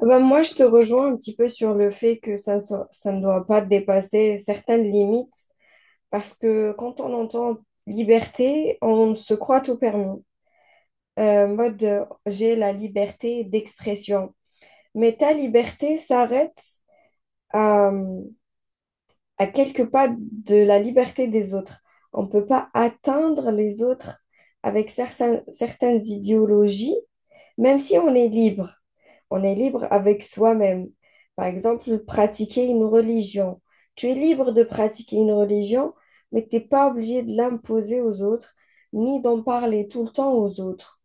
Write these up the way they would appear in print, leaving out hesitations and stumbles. Ah bah, moi, je te rejoins un petit peu sur le fait que ça ne doit pas dépasser certaines limites parce que quand on entend liberté, on se croit tout permis. Mode, j'ai la liberté d'expression. Mais ta liberté s'arrête à, à quelques pas de la liberté des autres. On ne peut pas atteindre les autres avec certaines idéologies. Même si on est libre, on est libre avec soi-même. Par exemple, pratiquer une religion. Tu es libre de pratiquer une religion, mais tu n'es pas obligé de l'imposer aux autres, ni d'en parler tout le temps aux autres.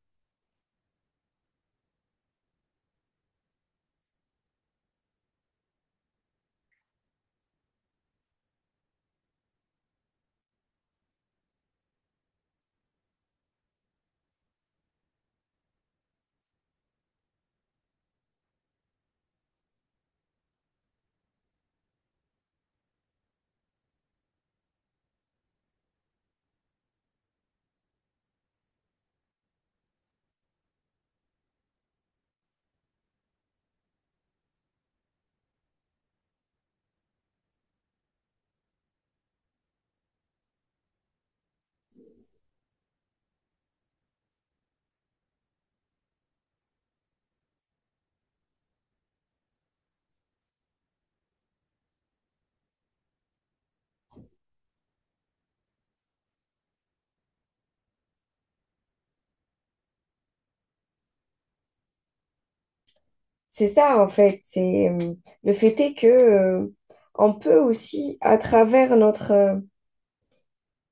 C'est ça, en fait. C'est Le fait est que on peut aussi, à travers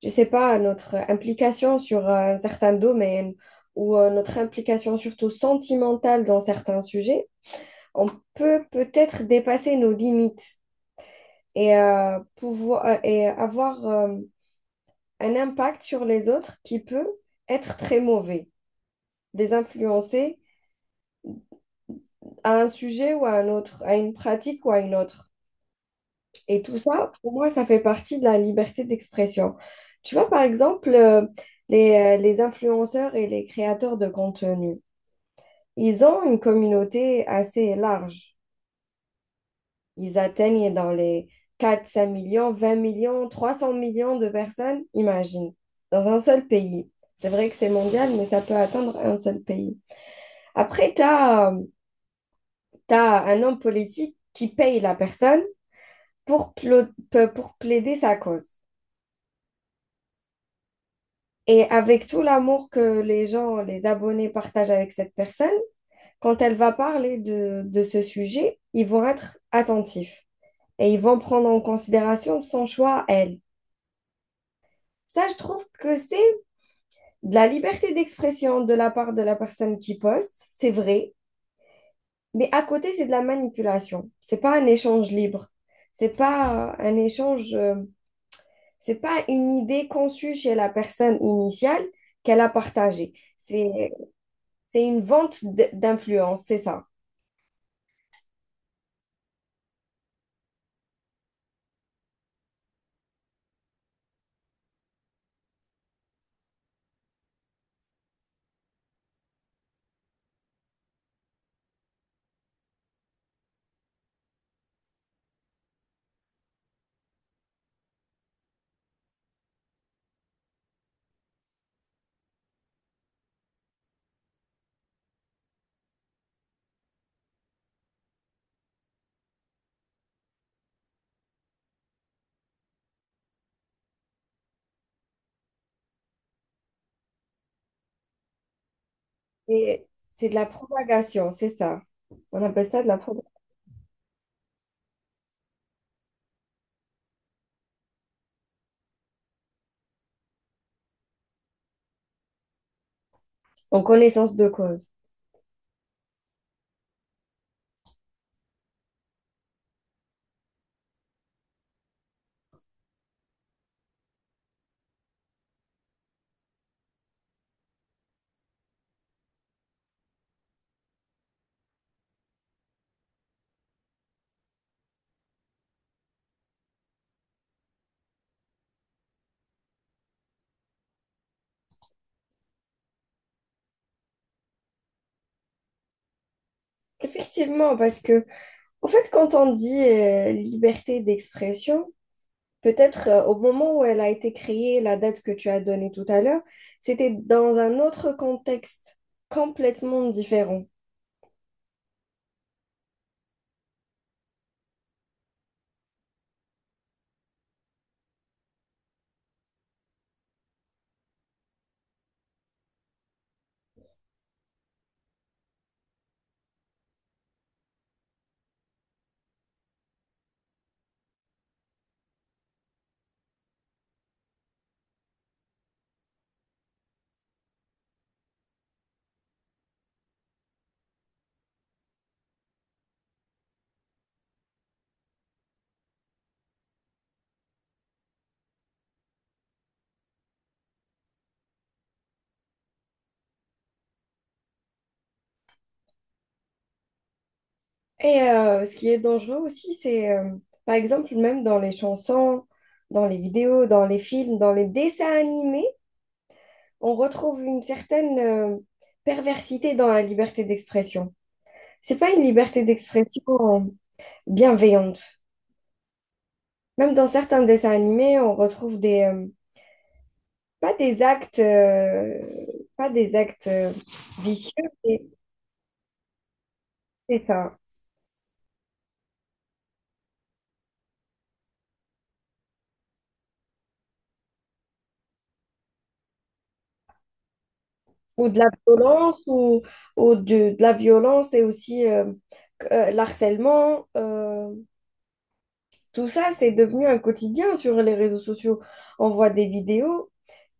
je sais pas, notre implication sur un certain domaine ou notre implication surtout sentimentale dans certains sujets, on peut peut-être dépasser nos limites et avoir un impact sur les autres qui peut être très mauvais, les influencer à un sujet ou à un autre, à une pratique ou à une autre. Et tout ça, pour moi, ça fait partie de la liberté d'expression. Tu vois, par exemple, les influenceurs et les créateurs de contenu, ils ont une communauté assez large. Ils atteignent dans les 4, 5 millions, 20 millions, 300 millions de personnes, imagine, dans un seul pays. C'est vrai que c'est mondial, mais ça peut atteindre un seul pays. Après, un homme politique qui paye la personne pour, plo- pour plaider sa cause. Et avec tout l'amour que les abonnés partagent avec cette personne, quand elle va parler de ce sujet, ils vont être attentifs et ils vont prendre en considération son choix à elle. Ça, je trouve que c'est de la liberté d'expression de la part de la personne qui poste, c'est vrai, mais à côté, c'est de la manipulation. C'est pas un échange libre. C'est pas euh, un échange, euh, c'est pas une idée conçue chez la personne initiale qu'elle a partagée. C'est une vente d'influence, c'est ça. Et c'est de la propagation, c'est ça. On appelle ça de la propagation. En connaissance de cause. Effectivement, parce que en fait, quand on dit liberté d'expression, peut-être au moment où elle a été créée, la date que tu as donnée tout à l'heure, c'était dans un autre contexte complètement différent. Et ce qui est dangereux aussi, c'est par exemple même dans les chansons, dans les vidéos, dans les films, dans les dessins animés, on retrouve une certaine perversité dans la liberté d'expression. C'est pas une liberté d'expression bienveillante. Même dans certains dessins animés, on retrouve des, pas des actes, pas des actes vicieux, mais c'est ça. Ou de la violence, ou, ou de la violence et aussi l'harcèlement. Tout ça, c'est devenu un quotidien sur les réseaux sociaux. On voit des vidéos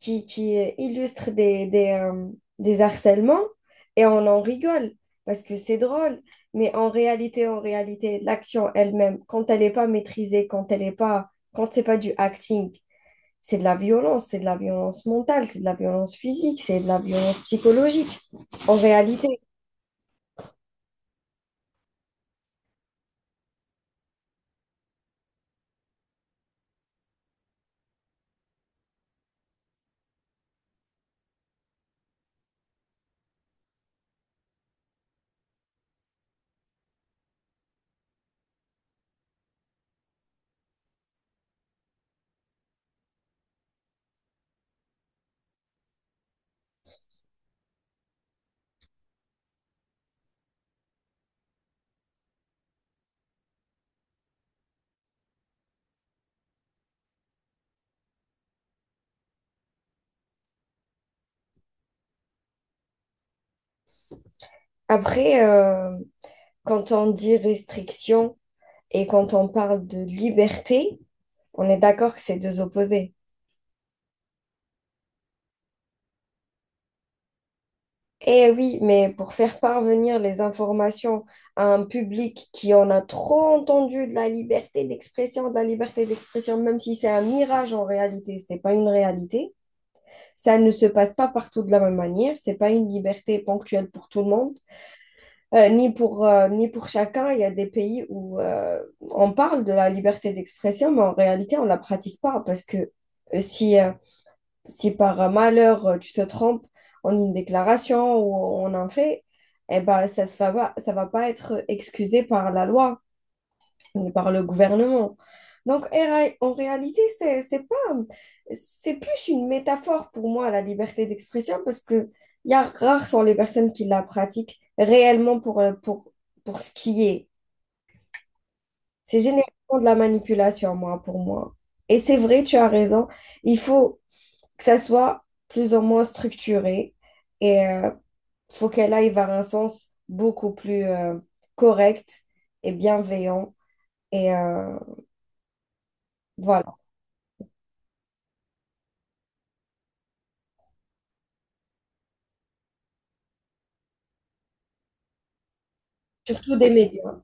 qui illustrent des harcèlements et on en rigole parce que c'est drôle. Mais en réalité, l'action elle-même, quand elle n'est pas maîtrisée, quand c'est pas du acting, c'est de la violence, c'est de la violence mentale, c'est de la violence physique, c'est de la violence psychologique. En réalité, après, quand on dit restriction, et quand on parle de liberté, on est d'accord que c'est deux opposés. Eh oui, mais pour faire parvenir les informations à un public qui en a trop entendu de la liberté d'expression, même si c'est un mirage en réalité, c'est pas une réalité, ça ne se passe pas partout de la même manière, c'est pas une liberté ponctuelle pour tout le monde, ni pour chacun. Il y a des pays où on parle de la liberté d'expression, mais en réalité, on la pratique pas parce que euh, si euh, si par malheur tu te trompes en une déclaration ou en un fait, eh ben, ça va pas être excusé par la loi ni par le gouvernement. Donc, en réalité, c'est pas, c'est plus une métaphore pour moi, la liberté d'expression, parce que il y a rares sont les personnes qui la pratiquent réellement pour ce qui est. C'est généralement de la manipulation, moi, pour moi. Et c'est vrai, tu as raison. Il faut que ça soit plus ou moins structuré et faut qu'elle aille vers un sens beaucoup plus correct et bienveillant. Et voilà. Surtout des médias.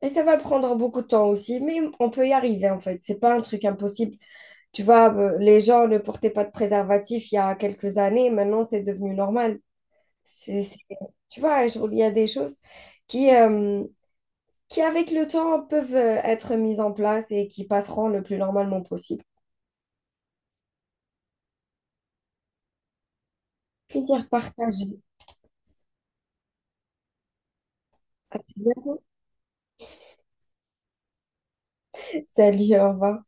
Et ça va prendre beaucoup de temps aussi, mais on peut y arriver en fait. C'est pas un truc impossible. Tu vois, les gens ne portaient pas de préservatif il y a quelques années. Maintenant, c'est devenu normal. C'est, c'est- Tu vois, il y a des choses qui, euh, qui, avec le temps, peuvent être mises en place et qui passeront le plus normalement possible. Plaisir partagé. Salut, au revoir.